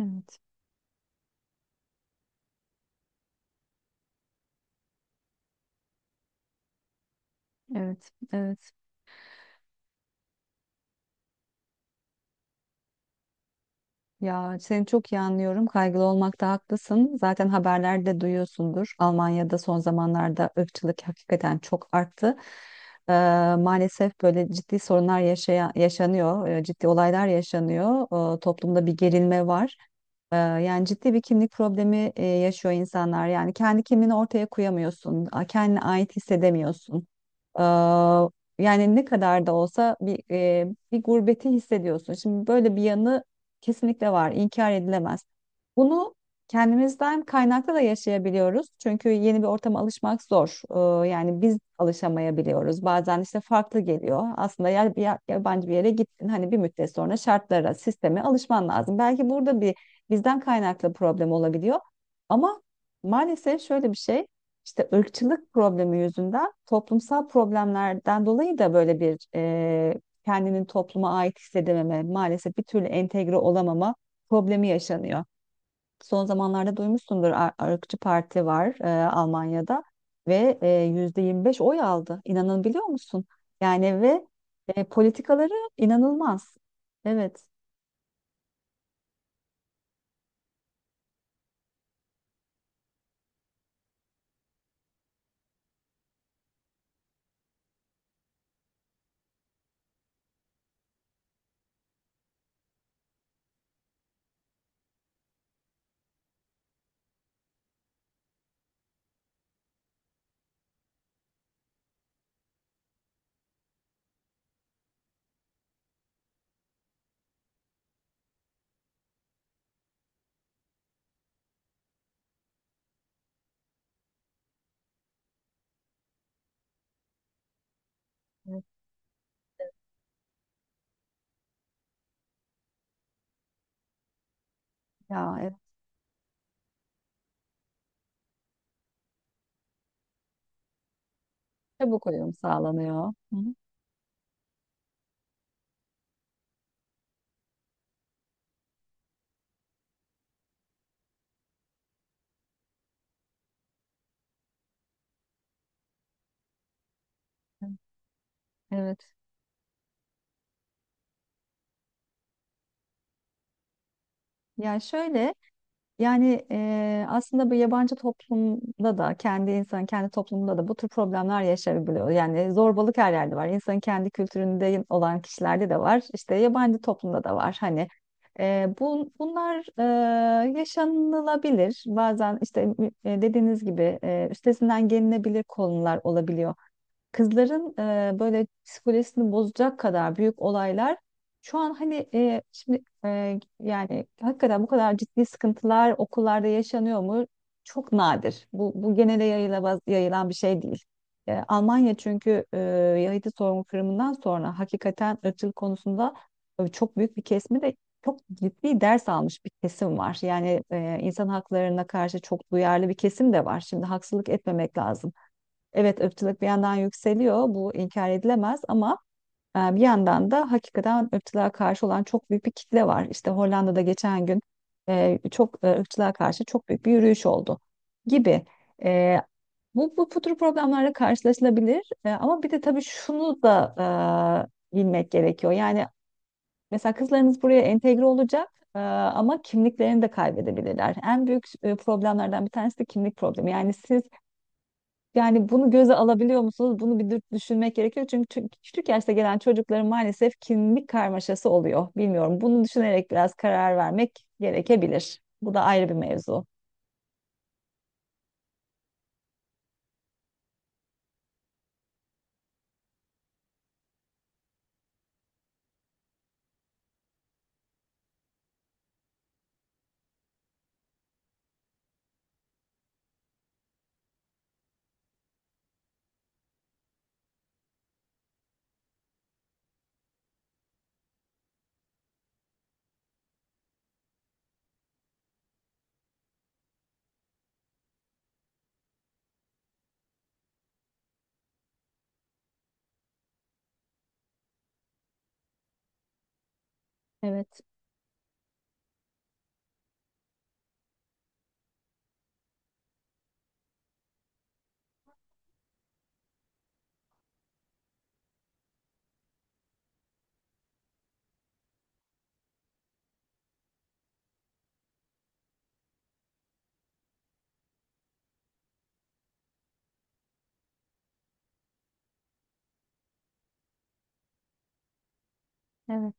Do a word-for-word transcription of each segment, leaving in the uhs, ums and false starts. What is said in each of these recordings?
Evet, evet, evet. Ya seni çok iyi anlıyorum. Kaygılı olmakta haklısın. Zaten haberlerde duyuyorsundur. Almanya'da son zamanlarda ırkçılık hakikaten çok arttı. Ee, Maalesef böyle ciddi sorunlar yaşaya- yaşanıyor. Ee, ciddi olaylar yaşanıyor. Ee, toplumda bir gerilme var. Ee, Yani ciddi bir kimlik problemi e, yaşıyor insanlar. Yani kendi kimliğini ortaya koyamıyorsun, a- kendine ait hissedemiyorsun. Ee, Yani ne kadar da olsa bir e, bir gurbeti hissediyorsun. Şimdi böyle bir yanı kesinlikle var, inkar edilemez. Bunu kendimizden kaynaklı da yaşayabiliyoruz. Çünkü yeni bir ortama alışmak zor. Ee, Yani biz alışamayabiliyoruz. Bazen işte farklı geliyor. Aslında ya, bir ya- yabancı bir yere gittin, hani bir müddet sonra şartlara, sisteme alışman lazım. Belki burada bir bizden kaynaklı problem olabiliyor. Ama maalesef şöyle bir şey, işte ırkçılık problemi yüzünden toplumsal problemlerden dolayı da böyle bir e, kendinin topluma ait hissedememe, maalesef bir türlü entegre olamama problemi yaşanıyor. Son zamanlarda duymuşsundur Ar- ırkçı parti var e, Almanya'da ve e, yüzde yirmi beş oy aldı. İnanabiliyor musun? Yani ve e, politikaları inanılmaz. Evet. Evet. Ya evet. Çabuk uyum sağlanıyor. Hı hı. Evet. Ya şöyle yani e, aslında bu yabancı toplumda da kendi insan kendi toplumunda da bu tür problemler yaşayabiliyor. Yani zorbalık her yerde var. İnsanın kendi kültüründe olan kişilerde de var. İşte yabancı toplumda da var. Hani e, bu, bunlar e, yaşanılabilir. Bazen işte e, dediğiniz gibi e, üstesinden gelinebilir konular olabiliyor. Kızların e, böyle psikolojisini bozacak kadar büyük olaylar şu an hani e, şimdi e, yani hakikaten bu kadar ciddi sıkıntılar okullarda yaşanıyor mu? Çok nadir. Bu, bu genele yayılamaz, yayılan bir şey değil. E, Almanya çünkü e, Yahudi soykırımından sonra hakikaten ırkçılık konusunda e, çok büyük bir kesimi de çok ciddi ders almış bir kesim var. Yani e, insan haklarına karşı çok duyarlı bir kesim de var. Şimdi haksızlık etmemek lazım. Evet, ırkçılık bir yandan yükseliyor. Bu inkar edilemez ama e, bir yandan da hakikaten ırkçılığa karşı olan çok büyük bir kitle var. İşte Hollanda'da geçen gün e, çok e, ırkçılığa karşı çok büyük bir yürüyüş oldu gibi. E, Bu, bu bu tür problemlerle karşılaşılabilir. E, ama bir de tabii şunu da e, bilmek gerekiyor. Yani mesela kızlarınız buraya entegre olacak e, ama kimliklerini de kaybedebilirler. En büyük e, problemlerden bir tanesi de kimlik problemi. Yani siz yani bunu göze alabiliyor musunuz? Bunu bir dü- düşünmek gerekiyor. Çünkü tü- küçük yaşta gelen çocukların maalesef kimlik karmaşası oluyor. Bilmiyorum. Bunu düşünerek biraz karar vermek gerekebilir. Bu da ayrı bir mevzu. Evet, evet,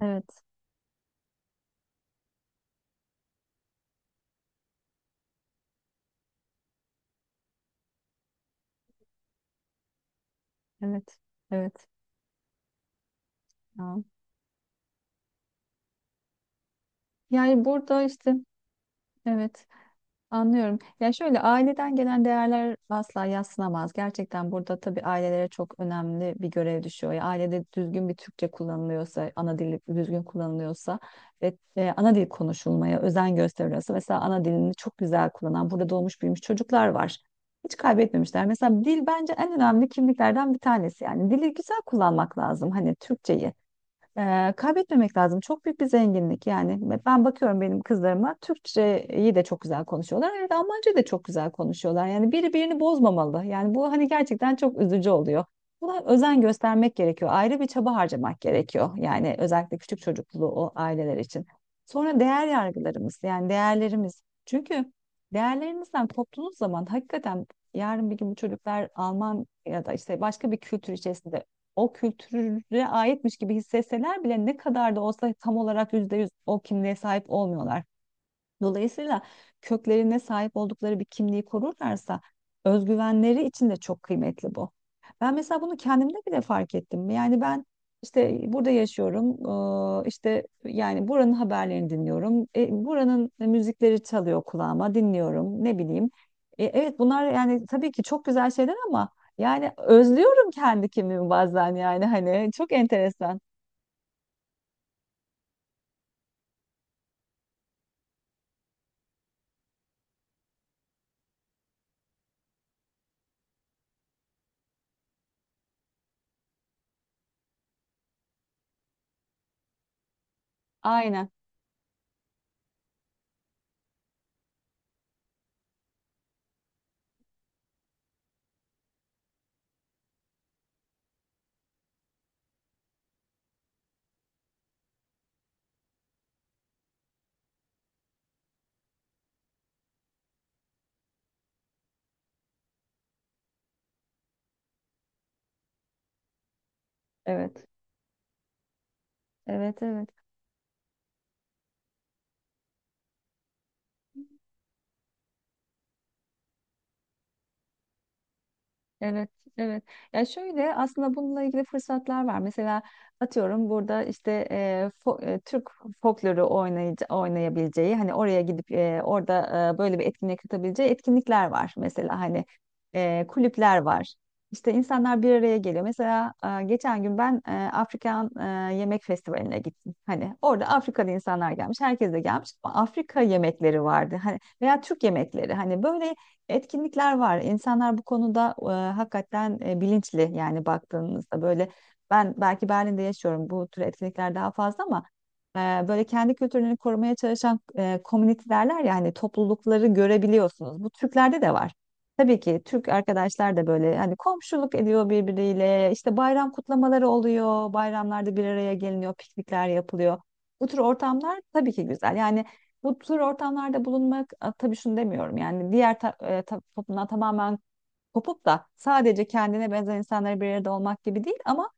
evet, evet, evet. Ya. Yani burada işte evet. Anlıyorum. Ya şöyle aileden gelen değerler asla yadsınamaz. Gerçekten burada tabii ailelere çok önemli bir görev düşüyor. Ya ailede düzgün bir Türkçe kullanılıyorsa, ana dil düzgün kullanılıyorsa ve e, ana dil konuşulmaya özen gösteriliyorsa mesela ana dilini çok güzel kullanan, burada doğmuş büyümüş çocuklar var. Hiç kaybetmemişler. Mesela dil bence en önemli kimliklerden bir tanesi. Yani dili güzel kullanmak lazım. Hani Türkçeyi. Eee, kaybetmemek lazım. Çok büyük bir zenginlik yani. Ben bakıyorum benim kızlarıma Türkçeyi de çok güzel konuşuyorlar. Evet, Almancayı da çok güzel konuşuyorlar. Yani biri birini bozmamalı. Yani bu hani gerçekten çok üzücü oluyor. Buna özen göstermek gerekiyor. Ayrı bir çaba harcamak gerekiyor. Yani özellikle küçük çocuklu o aileler için. Sonra değer yargılarımız yani değerlerimiz. Çünkü değerlerimizden koptuğunuz zaman hakikaten yarın bir gün bu çocuklar Alman ya da işte başka bir kültür içerisinde o kültüre aitmiş gibi hissetseler bile ne kadar da olsa tam olarak yüzde yüz o kimliğe sahip olmuyorlar. Dolayısıyla köklerine sahip oldukları bir kimliği korurlarsa özgüvenleri için de çok kıymetli bu. Ben mesela bunu kendimde bile fark ettim. Yani ben işte burada yaşıyorum. eee, işte yani buranın haberlerini dinliyorum. E, buranın müzikleri çalıyor kulağıma, dinliyorum. Ne bileyim. E, evet, bunlar yani tabii ki çok güzel şeyler ama yani özlüyorum kendi kimliğimi bazen yani hani çok enteresan. Aynen. Evet. Evet, evet. Evet, evet. Ya şöyle aslında bununla ilgili fırsatlar var. Mesela atıyorum burada işte e, fo- e, Türk folkloru oynayıcı, oynayabileceği hani oraya gidip e, orada e, böyle bir etkinlik katabileceği etkinlikler var. Mesela hani e, kulüpler var. İşte insanlar bir araya geliyor. Mesela e, geçen gün ben e, Afrikan e, Yemek Festivali'ne gittim. Hani orada Afrikalı insanlar gelmiş, herkes de gelmiş ama Afrika yemekleri vardı. Hani veya Türk yemekleri. Hani böyle etkinlikler var. İnsanlar bu konuda e, hakikaten e, bilinçli yani baktığınızda böyle ben belki Berlin'de yaşıyorum bu tür etkinlikler daha fazla ama e, böyle kendi kültürlerini korumaya çalışan e, community derler ya hani toplulukları görebiliyorsunuz. Bu Türklerde de var. Tabii ki Türk arkadaşlar da böyle hani komşuluk ediyor birbiriyle, işte bayram kutlamaları oluyor, bayramlarda bir araya geliniyor, piknikler yapılıyor. Bu tür ortamlar tabii ki güzel yani bu tür ortamlarda bulunmak a, tabii şunu demiyorum yani diğer ta, e, ta- toplumdan tamamen kopup da sadece kendine benzer insanlara bir arada olmak gibi değil ama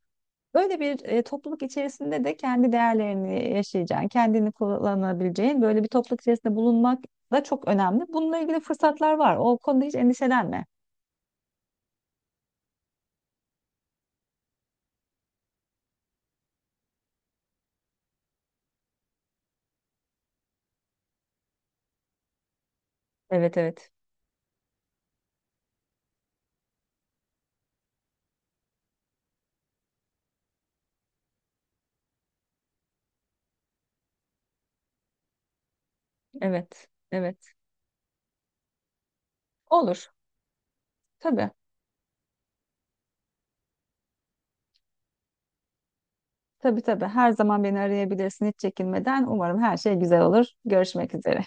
böyle bir e, topluluk içerisinde de kendi değerlerini yaşayacağın, kendini kullanabileceğin böyle bir topluluk içerisinde bulunmak da çok önemli. Bununla ilgili fırsatlar var. O konuda hiç endişelenme. Evet, evet. Evet, evet. Olur. Tabii. Tabii tabii. Her zaman beni arayabilirsin hiç çekinmeden. Umarım her şey güzel olur. Görüşmek üzere.